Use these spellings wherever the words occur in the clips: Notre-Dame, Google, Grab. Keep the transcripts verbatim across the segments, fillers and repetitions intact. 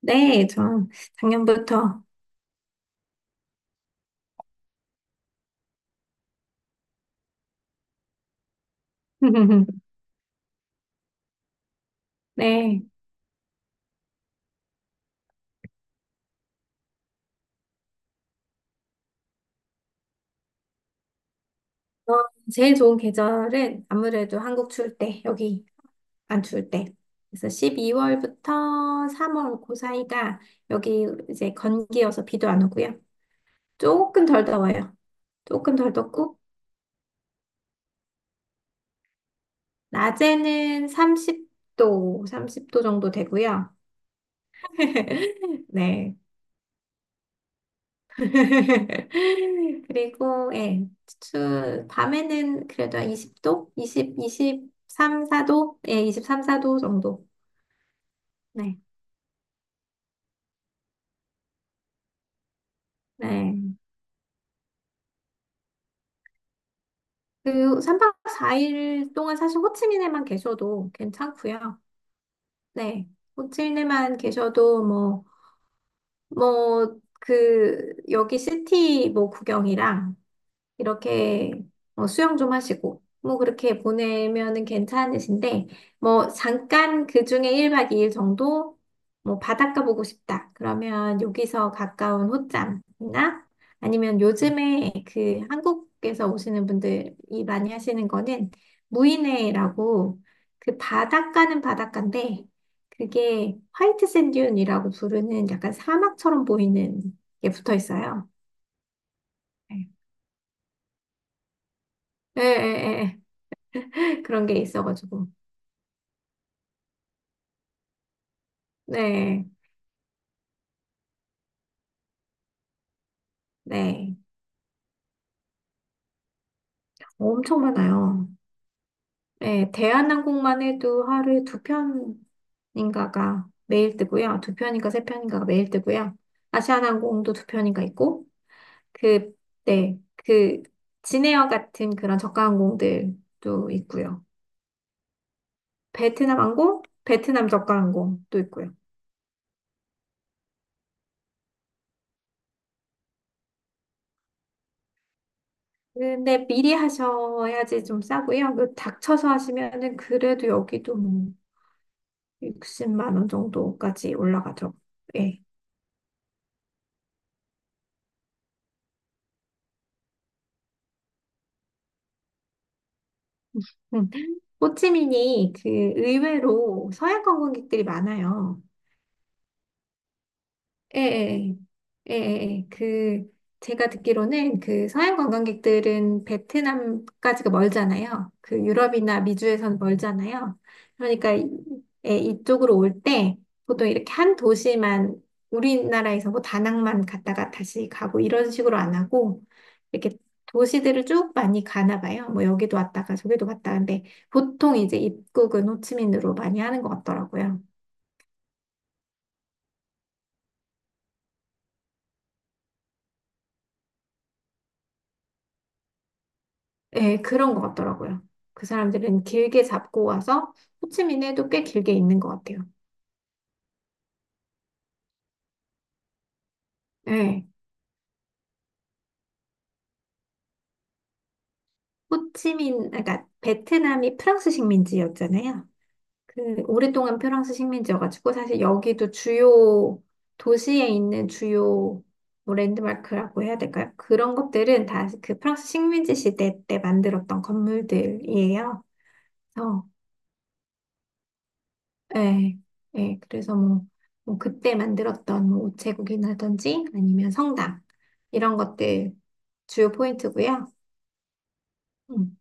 네, 저 작년부터. 네. 어, 제일 좋은 계절은 아무래도 한국 추울 때, 여기 안 추울 때. 그래서 십이월부터 삼월 그 사이가 여기 이제 건기여서 비도 안 오고요. 조금 덜 더워요. 조금 덜 덥고, 낮에는 삼십 도, 삼십 도 정도 되고요. 네. 그리고, 예, 추, 밤에는 그래도 한 이십 도? 이십, 이십삼, 사 도? 예, 이십삼, 사 도 정도. 네, 네. 그 삼 박 사 일 동안 사실 호치민에만 계셔도 괜찮고요. 네, 호치민에만 계셔도 뭐, 뭐, 그, 여기 시티 뭐 구경이랑 이렇게 어, 수영 좀 하시고, 뭐 그렇게 보내면은 괜찮으신데, 뭐 잠깐 그 중에 일 박 이 일 정도 뭐 바닷가 보고 싶다. 그러면 여기서 가까운 호짬이나 아니면 요즘에 그 한국에서 오시는 분들이 많이 하시는 거는 무이네라고, 그 바닷가는 바닷가인데 그게 화이트 샌듄이라고 부르는 약간 사막처럼 보이는 게 붙어 있어요. 네. 예, 예, 예. 그런 게 있어가지고. 네, 네. 엄청 많아요. 네, 대한항공만 해도 하루에 두 편인가가 매일 뜨고요. 두 편인가 세 편인가가 매일 뜨고요. 아시아나항공도 두 편인가 있고, 그, 네, 그, 진에어 같은 그런 저가항공들도 있고요. 베트남 항공, 베트남 저가항공도 있고요. 근데 미리 하셔야지 좀 싸고요. 그 닥쳐서 하시면은 그래도 여기도 뭐 육십만 원 정도까지 올라가죠. 예. 음. 호치민이 그 의외로 서양 관광객들이 많아요. 예, 예, 예, 예, 예. 그, 제가 듣기로는 그 서양 관광객들은 베트남까지가 멀잖아요. 그 유럽이나 미주에선 멀잖아요. 그러니까 이, 예, 이쪽으로 올 때 보통 이렇게 한 도시만 우리나라에서 뭐 다낭만 갔다가 다시 가고 이런 식으로 안 하고 이렇게 도시들을 쭉 많이 가나 봐요. 뭐 여기도 왔다가 저기도 갔다. 근데 보통 이제 입국은 호치민으로 많이 하는 것 같더라고요. 예, 그런 것 같더라고요. 그 사람들은 길게 잡고 와서 호치민에도 꽤 길게 있는 것 같아요. 예. 호치민, 그러니까 베트남이 프랑스 식민지였잖아요. 그 오랫동안 프랑스 식민지여가지고 사실 여기도 주요 도시에 있는 주요, 뭐, 랜드마크라고 해야 될까요? 그런 것들은 다 그 프랑스 식민지 시대 때 만들었던 건물들이에요. 예, 예, 그래서 뭐, 뭐 그때 만들었던 뭐 우체국이라든지 아니면 성당 이런 것들 주요 포인트고요. 음,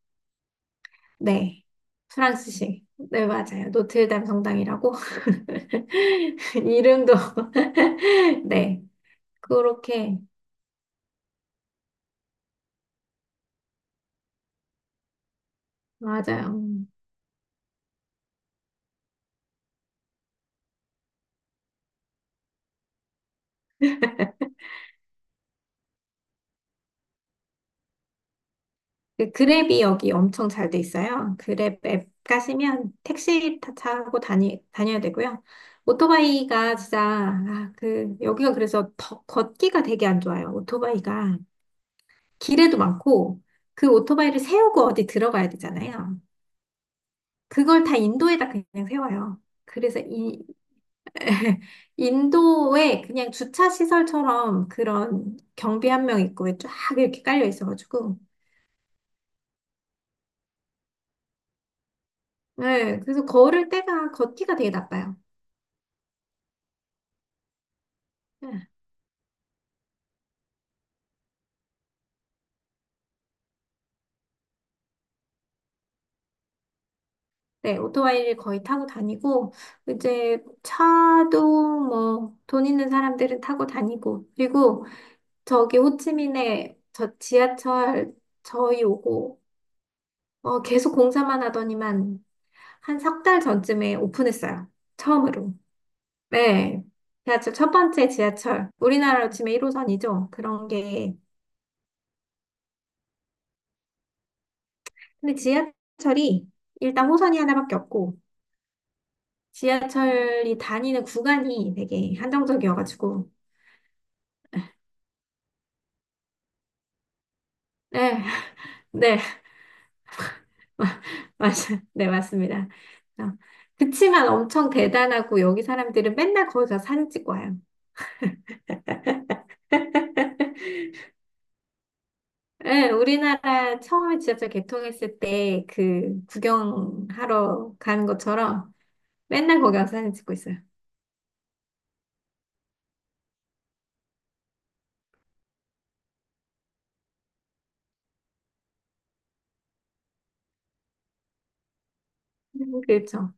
네, 프랑스식. 네, 맞아요. 노트르담 성당이라고 이름도 네, 그렇게 맞아요. 음. 그 그랩이 여기 엄청 잘 돼 있어요. 그랩 앱 가시면 택시 타- 타고 다니, 다녀야 되고요. 오토바이가 진짜, 아, 그, 여기가 그래서 더, 걷기가 되게 안 좋아요. 오토바이가. 길에도 많고, 그 오토바이를 세우고 어디 들어가야 되잖아요. 그걸 다 인도에다 그냥 세워요. 그래서 이, 인도에 그냥 주차 시설처럼 그런 경비 한 명 있고 쫙 이렇게 깔려 있어가지고. 네, 그래서 걸을 때가 걷기가 되게 나빠요. 네. 네, 오토바이를 거의 타고 다니고, 이제 차도 뭐 돈 있는 사람들은 타고 다니고, 그리고 저기 호치민에 저 지하철, 저희 오고, 어, 계속 공사만 하더니만 한 석 달 전쯤에 오픈했어요. 처음으로. 네. 지하철 첫 번째 지하철. 우리나라로 치면 일호선이죠. 그런 게. 근데 지하철이 일단 호선이 하나밖에 없고, 지하철이 다니는 구간이 되게 한정적이어가지고, 네, 네, 맞아요. 네, 맞습니다. 어, 그치만 엄청 대단하고 여기 사람들은 맨날 거기 가서 사진 찍고 와요. 예, 우리나라 처음에 지하철 개통했을 때 그 구경하러 가는 것처럼 맨날 거기 가서 사진 찍고 있어요. 음. 그렇죠.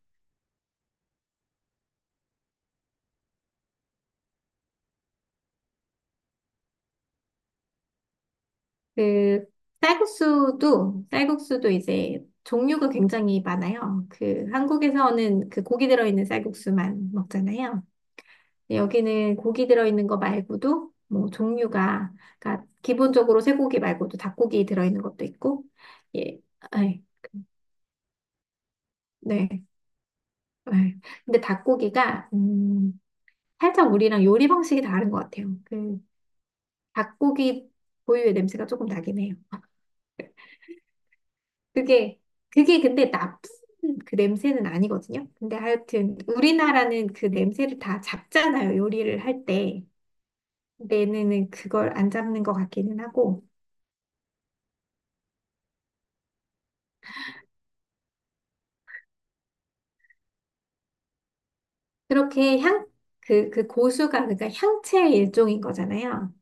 그 쌀국수도 쌀국수도 이제 종류가 굉장히 많아요. 그 한국에서는 그 고기 들어있는 쌀국수만 먹잖아요. 네, 여기는 고기 들어있는 거 말고도 뭐 종류가 그러니까 기본적으로 쇠고기 말고도 닭고기 들어있는 것도 있고 예, 아이, 네. 네. 근데 닭고기가 음, 살짝 우리랑 요리 방식이 다른 것 같아요. 그 닭고기 고유의 냄새가 조금 나긴 해요. 그게 그게 근데 나쁜 그 냄새는 아니거든요. 근데 하여튼 우리나라는 그 냄새를 다 잡잖아요. 요리를 할 때. 얘네는 그걸 안 잡는 것 같기는 하고. 그렇게 향, 그, 그 고수가, 그러니까 향채의 일종인 거잖아요.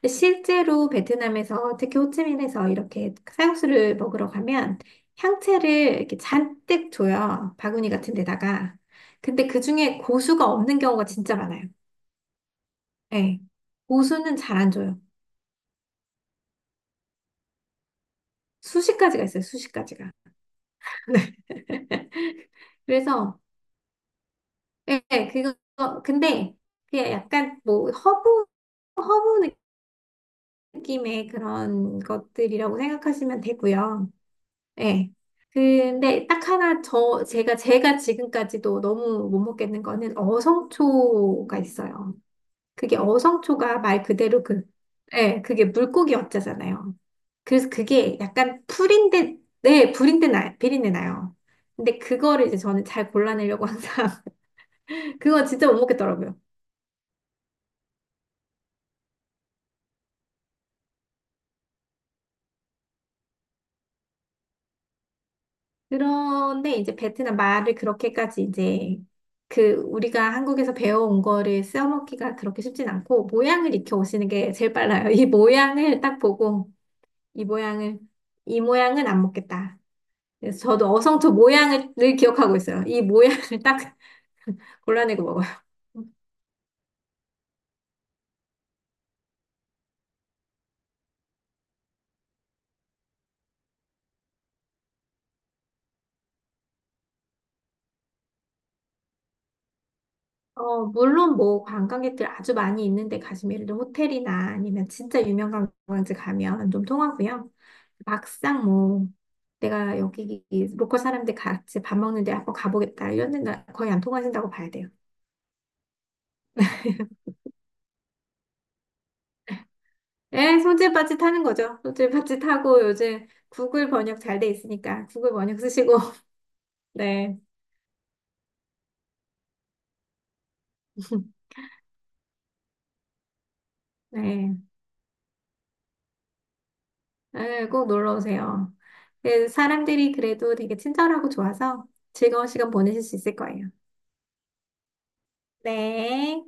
근데 실제로 베트남에서, 특히 호치민에서 이렇게 쌀국수를 먹으러 가면 향채를 이렇게 잔뜩 줘요. 바구니 같은 데다가. 근데 그 중에 고수가 없는 경우가 진짜 많아요. 예. 고수는 잘 안 줘요. 수십 가지가 있어요, 수십 가지가. 네. 그래서, 예, 그거, 근데 그게 약간 뭐 허브, 허브 느낌의 그런 것들이라고 생각하시면 되고요. 네. 근데 딱 하나 저 제가 제가 지금까지도 너무 못 먹겠는 거는 어성초가 있어요. 그게 어성초가 말 그대로 그 네, 그게 물고기 어짜잖아요. 그래서 그게 약간 풀인데 네, 불인데 나 비린내 나요. 근데 그거를 이제 저는 잘 골라내려고 항상 그거 진짜 못 먹겠더라고요. 그런데 이제 베트남 말을 그렇게까지 이제 그 우리가 한국에서 배워온 거를 써먹기가 그렇게 쉽진 않고 모양을 익혀 오시는 게 제일 빨라요. 이 모양을 딱 보고 이 모양을 이 모양은 안 먹겠다. 그래서 저도 어성초 모양을 늘 기억하고 있어요. 이 모양을 딱 골라내고 먹어요. 어, 물론 뭐 관광객들 아주 많이 있는데 가시면 예를 들어 호텔이나 아니면 진짜 유명 관광지 가면 좀 통하고요. 막상 뭐 내가 여기 로컬 사람들 같이 밥 먹는데 한번 가보겠다 이런 데는 거의 안 통하신다고 봐야 돼요. 예, 손짓발짓 하는 거죠. 손짓발짓 하고 요즘 구글 번역 잘 돼 있으니까 구글 번역 쓰시고 네. 네, 네, 꼭 놀러 오세요. 그 사람들이 그래도 되게 친절하고 좋아서 즐거운 시간 보내실 수 있을 거예요. 네.